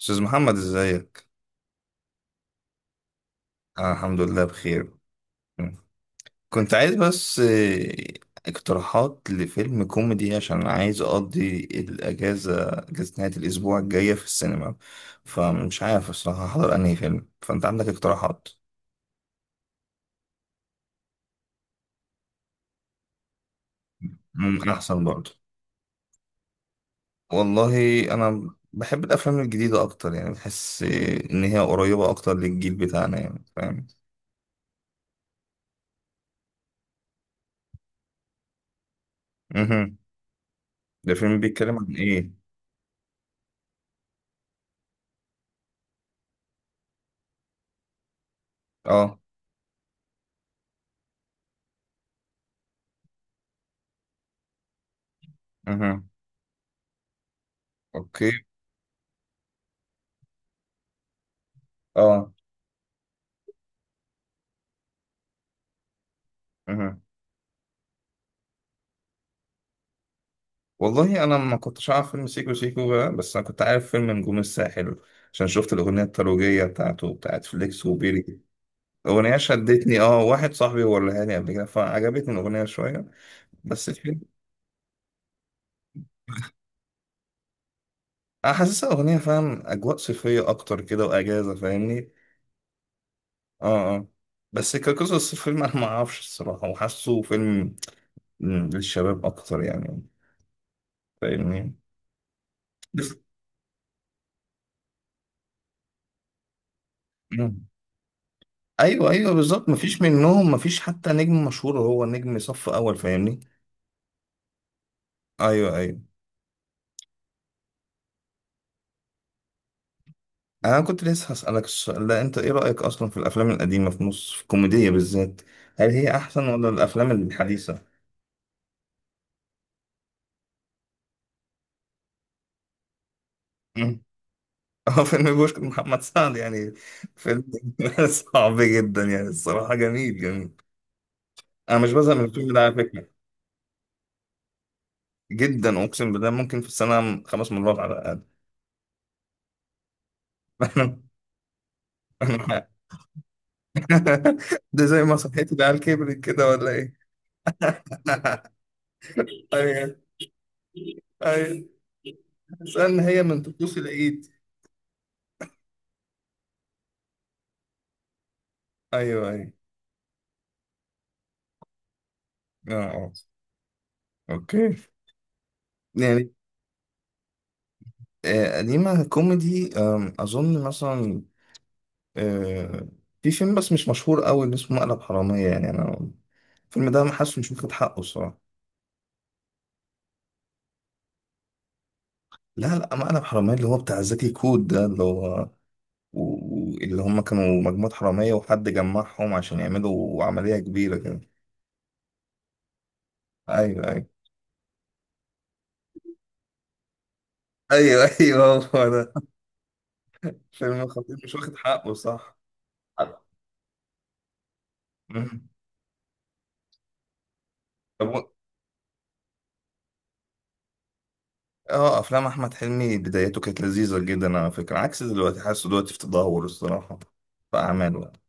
أستاذ محمد إزيك؟ أنا الحمد لله بخير. كنت عايز بس اقتراحات لفيلم كوميدي عشان عايز أقضي أجازة نهاية الأسبوع الجاية في السينما، فمش عارف الصراحة أحضر أنهي فيلم. فأنت عندك اقتراحات؟ ممكن أحسن برضه. والله أنا بحب الأفلام الجديدة أكتر، يعني بحس إن هي قريبة أكتر للجيل بتاعنا، يعني فاهم؟ مهم. ده فيلم بيتكلم عن إيه؟ آه. مهم. أوكي. آه. مهم. والله انا ما كنتش عارف فيلم سيكو سيكو بقى، بس انا كنت عارف فيلم نجوم الساحل عشان شفت الاغنيه الترويجيه بتاعت فليكس وبيري. الاغنيه شدتني، واحد صاحبي وريها لي قبل كده فعجبتني الاغنيه شويه، بس الفيلم. انا حاسسها اغنيه، فاهم، اجواء صيفيه اكتر كده واجازه، فاهمني؟ اه اه. بس كقصص الفيلم انا ما اعرفش الصراحه، وحاسه فيلم للشباب اكتر يعني، فاهمني. بس- مم. ايوه ايوه بالظبط، مفيش منهم مفيش حتى نجم مشهور، هو نجم صف اول، فاهمني. ايوه ايوه. انا كنت لسه هسألك السؤال ده. انت ايه رأيك اصلا في الافلام القديمة في مصر، في الكوميدية بالذات؟ هل هي احسن ولا الافلام الحديثة؟ مم. اه فيلم بوشك محمد سعد يعني، فيلم صعب جدا يعني، الصراحة جميل جميل. انا مش بزهق من الفيلم ده على فكرة، جدا. اقسم بالله ممكن في السنة 5 مرات على الاقل. ده زي ما صحيت العيال كبرت كده ولا ايه؟ ايوه ايوه. استنى، هي من طقوس العيد؟ ايوه ايوه. اه. اوكي. يعني قديمة كوميدي أظن مثلا، آه، في فيلم بس مش مشهور أوي اللي اسمه مقلب حرامية. يعني أنا الفيلم ده ما حاسه مش واخد حقه الصراحة. لا لا، مقلب حرامية اللي هو بتاع زكي كود، ده اللي هو اللي هم كانوا مجموعة حرامية وحد جمعهم عشان يعملوا عملية كبيرة كده. أيوه أيوه أيوه. أيوه هو ده. فيلم خطير مش واخد حقه، صح؟ مم. طب، اه افلام احمد حلمي بدايته كانت لذيذه جدا على فكره، عكس دلوقتي، حاسه دلوقتي في تدهور الصراحه في اعماله يعني.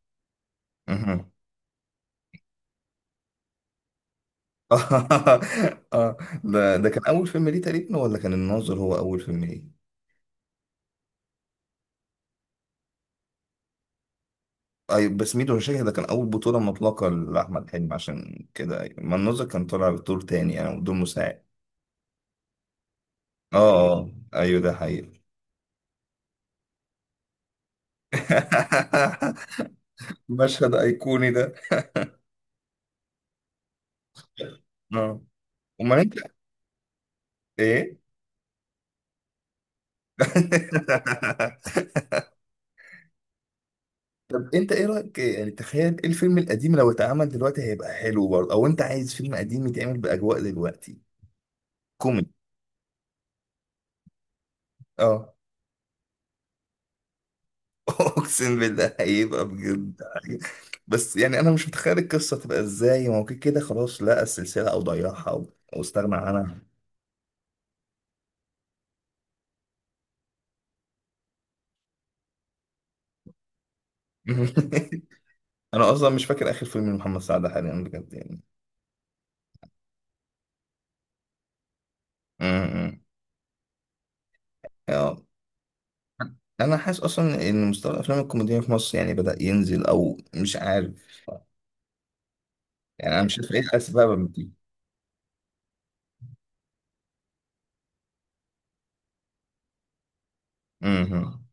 مهم. اه، ده كان اول فيلم ليه تقريبا، ولا كان الناظر هو اول فيلم ليه؟ اي بس ميدو مشاكل ده كان اول بطوله مطلقه لاحمد حلمي عشان كده، أيوة. ما الناظر كان طالع بدور تاني، يعني بدور مساعد. اه اه ايوه، ده حقيقي. مشهد ايقوني ده. اه. امال انت ايه؟ طب انت ايه رايك، يعني تخيل، ايه الفيلم القديم لو اتعمل دلوقتي هيبقى حلو برضه، او انت عايز فيلم قديم يتعمل باجواء دلوقتي كوميدي؟ اه. اقسم بالله هيبقى بجد حاجة. بس يعني انا مش متخيل القصه تبقى ازاي، ما هو كده كده خلاص لقى السلسله او ضيعها أو استغنى عنها. انا اصلا مش فاكر اخر فيلم لمحمد سعد حاليا بجد يعني. امم. اه. انا حاسس اصلا ان مستوى الافلام الكوميديه في مصر يعني بدا ينزل، او مش عارف، يعني انا مش عارف ايه الاسباب. امم.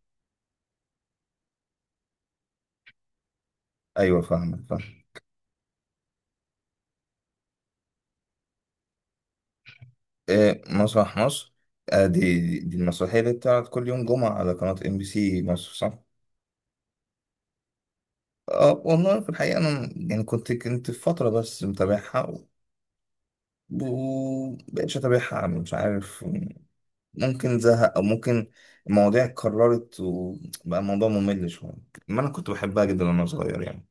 ايوه فاهمك فاهم. إيه مسرح مصر؟ آه دي، المسرحيه اللي بتعرض كل يوم جمعه على قناه MBC مصر، صح؟ اه والله في الحقيقه انا يعني كنت في فتره بس متابعها، ومبقتش اتابعها، مش عارف، ممكن زهق او ممكن المواضيع اتكررت وبقى الموضوع ممل شويه. ما انا كنت بحبها جدا وانا صغير يعني.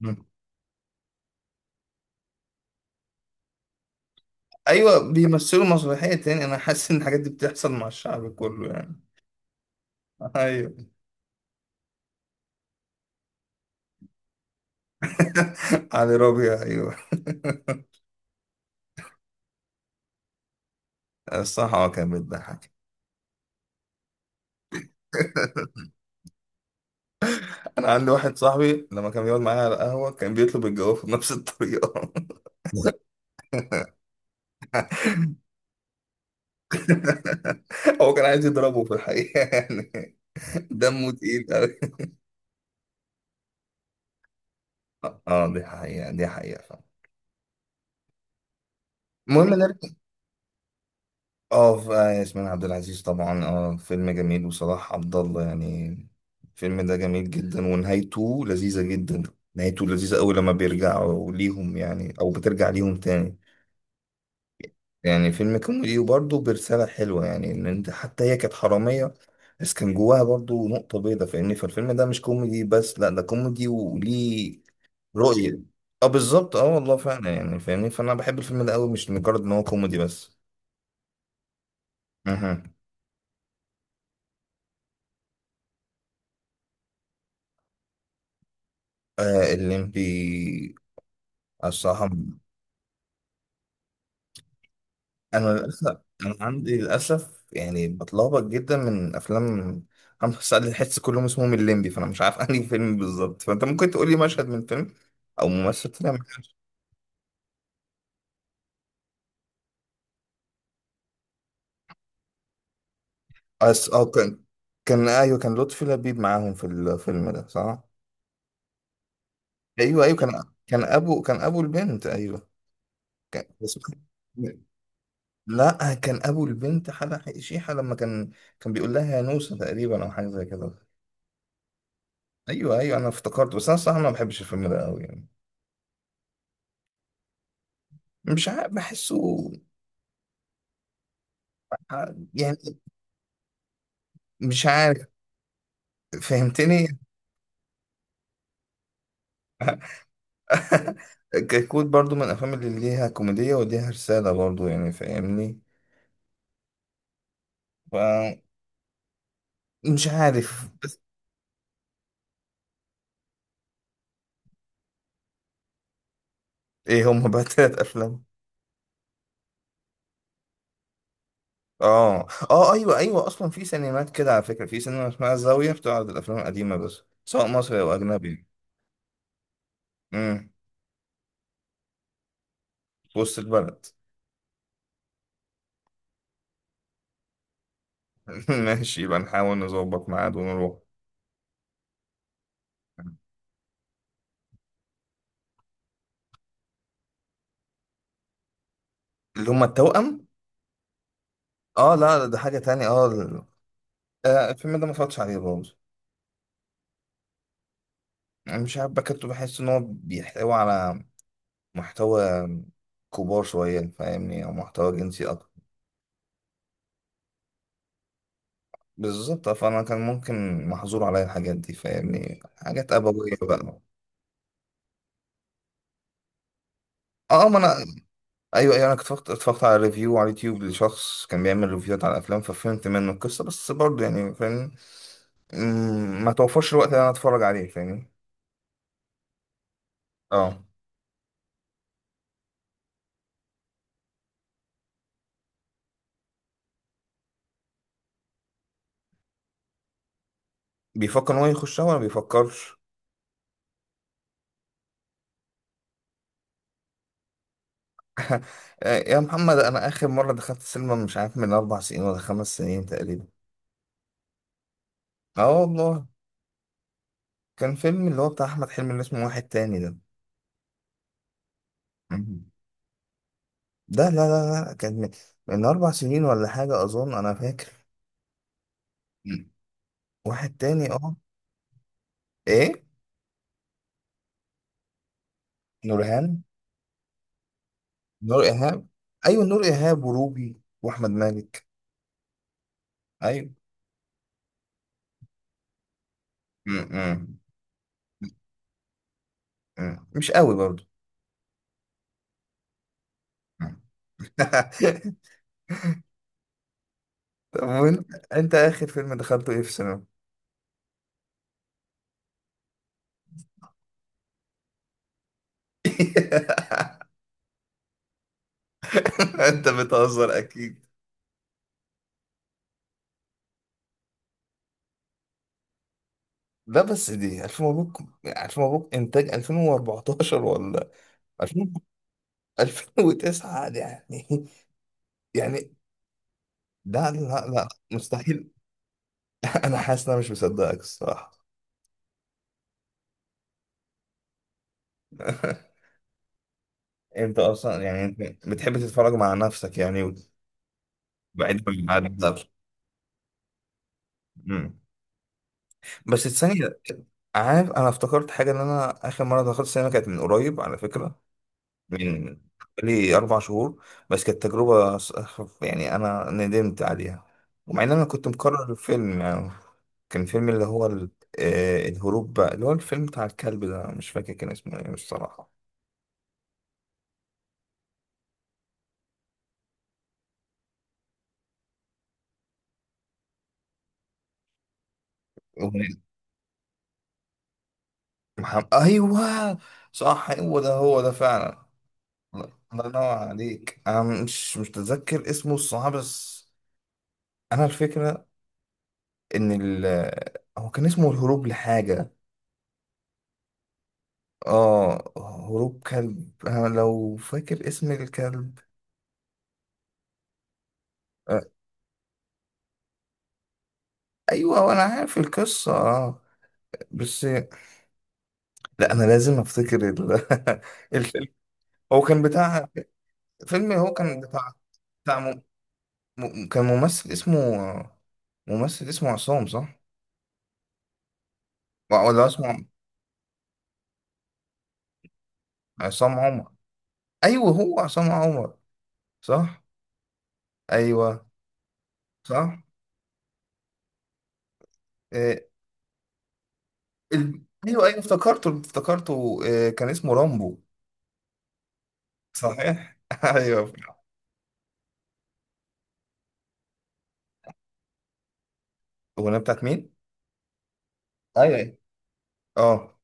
مم. ايوه بيمثلوا مسرحيه تاني. انا حاسس ان الحاجات دي بتحصل مع الشعب كله يعني. ايوه. علي ربيع، ايوه. الصراحة اه كان بيضحك. أنا عندي واحد صاحبي لما كان بيقعد معايا على القهوة كان بيطلب الجواب بنفس الطريقة. هو كان عايز يضربه في الحقيقة يعني. دمه تقيل أوي. اه دي حقيقة دي حقيقة فعلا. المهم نرجع. اه ياسمين عبد العزيز طبعا، اه فيلم جميل، وصلاح عبد الله يعني. الفيلم ده جميل جدا ونهايته لذيذة جدا. نهايته لذيذة أوي لما بيرجعوا ليهم، يعني أو بترجع ليهم تاني. يعني فيلم كوميدي وبرضه برسالة حلوة، يعني إن أنت، حتى هي كانت حرامية بس كان جواها برضه نقطة بيضة، فاهمني؟ فالفيلم ده مش كوميدي بس، لأ، ده كوميدي وليه رؤية. أه بالظبط، أه والله فعلا، يعني فاهمني، فأنا بحب الفيلم ده أوي، مش مجرد إن هو كوميدي بس. أها. آه الليمبي، الصراحة أنا للأسف، أنا عندي للأسف يعني بتلخبط جدا، من أفلام محمد سعد الحس كلهم اسمهم الليمبي، فأنا مش عارف أنهي فيلم بالظبط. فأنت ممكن تقولي مشهد من فيلم او ممثل طلع معاه. أو كان، كان أيوه، كان لطفي لبيب معاهم في الفيلم ده، صح؟ أيوه أيوه، كان أبو البنت، أيوه. كان... بس... لا، كان أبو البنت حلا شيحة. لما كان، بيقول لها يا نوسة تقريبا، أو حاجة زي كده. أيوه أيوه، أنا افتكرت. بس أنا الصراحة ما بحبش الفيلم ده أوي يعني، مش عارف بحسه يعني، مش عارف. فهمتني. كيكوت برضو من الأفلام اللي ليها كوميدية وليها رسالة برضو، يعني فاهمني. ف- مش عارف. ايه هم بقى تلات افلام؟ اه اه ايوه ايوه، اصلا في سينمات كده على فكره، في سينما اسمها الزاويه بتعرض الافلام القديمه بس، سواء مصري او اجنبي. امم. في وسط البلد. ماشي، يبقى نحاول نظبط ميعاد ونروح. اللي هم التوأم. اه لا لا، ده حاجه تانية. اه الفيلم ده ما اتفرجتش عليه برضه. أنا مش عارف بكتب، بحس ان هو بيحتوي على محتوى كبار شويه فاهمني، او محتوى جنسي اكتر. بالظبط، فانا كان ممكن محظور عليا الحاجات دي فاهمني، حاجات ابويه بقى. اه ما انا، ايوه ايوه، انا كنت اتفرجت على ريفيو على اليوتيوب لشخص كان بيعمل ريفيوهات على الافلام، ففهمت منه القصه، بس برضه يعني فاهم، ما توفرش الوقت اللي انا اتفرج عليه فاهمني. اه. بيفكر ان هو يخشها ولا بيفكرش. آه يا محمد، انا اخر مره دخلت السينما مش عارف، من 4 سنين ولا 5 سنين تقريبا. اه والله. كان فيلم اللي هو بتاع احمد حلمي اللي اسمه واحد تاني ده. مم. ده لا لا لا، كان من، من 4 سنين ولا حاجه، اظن انا فاكر. مم. واحد تاني، اه. ايه. نورهان. نور إيهاب. أيوة، نور إيهاب وروبي وأحمد مالك. أيوة. م-م. م-م. مش قوي برضو. م. طب وأنت، أنت آخر فيلم دخلته إيه في السينما؟ انت بتهزر اكيد. لا بس دي ألف مبروك. ألف مبروك إنتاج 2014 ولا 2000 2009 دي يعني يعني لا لا لا، مستحيل. أنا حاسس إن أنا مش مصدقك الصراحة. أنت أصلا يعني أنت بتحب تتفرج مع نفسك يعني، بعيد عن المعاد. مم. بس الثانية، عارف، أنا افتكرت حاجة إن أنا آخر مرة دخلت السينما كانت من قريب على فكرة، من حوالي 4 شهور، بس كانت تجربة يعني أنا ندمت عليها، ومع إن أنا كنت مكرر الفيلم يعني. كان فيلم اللي هو الهروب بقى، اللي هو الفيلم بتاع الكلب ده، مش فاكر كان اسمه إيه الصراحة. أغنية محمد، أيوه. صح، هو ده هو ده فعلا. الله ينور عليك، أنا مش متذكر اسمه الصراحة. بس انا الفكره ان هو كان اسمه الهروب لحاجه، اه هروب كلب، انا لو فاكر اسم الكلب. آه. ايوه انا عارف القصه اه. بس لا، انا لازم افتكر الفيلم. هو كان بتاع، فيلم هو كان بتاع، بتاع كان ممثل اسمه، ممثل اسمه عصام، صح؟ ولا اسمه عصام عمر، ايوه هو عصام عمر، صح، ايوه، صح. آه، ال- ايوه ايوه افتكرته، كان اسمه رامبو. صحيح. ايوه. الاغنيه بتاعت مين؟ ايوه أيوة. اه.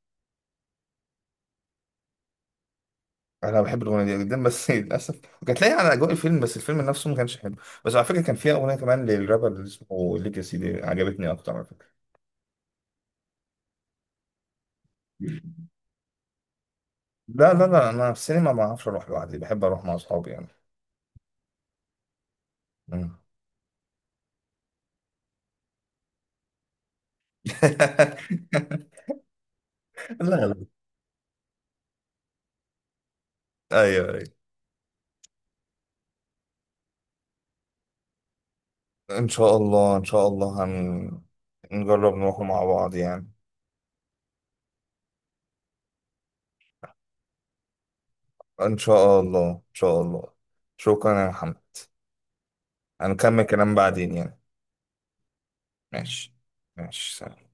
انا بحب الاغنيه دي جدا، بس للاسف كانت لاقيه على اجواء الفيلم، بس الفيلم نفسه ما كانش حلو. بس على فكره كان فيها اغنيه كمان للرابر اللي اسمه ليجاسي، دي عجبتني اكتر على فكره. لا لا لا، انا في السينما ما اعرفش اروح لوحدي، بحب اروح مع اصحابي يعني. مم. لا لا. ايوه ايوه. ان شاء الله ان شاء الله نجرب نروح مع بعض يعني. إن شاء الله إن شاء الله. شكرا يا محمد، هنكمل كلام بعدين يعني. ماشي. ماشي سلام.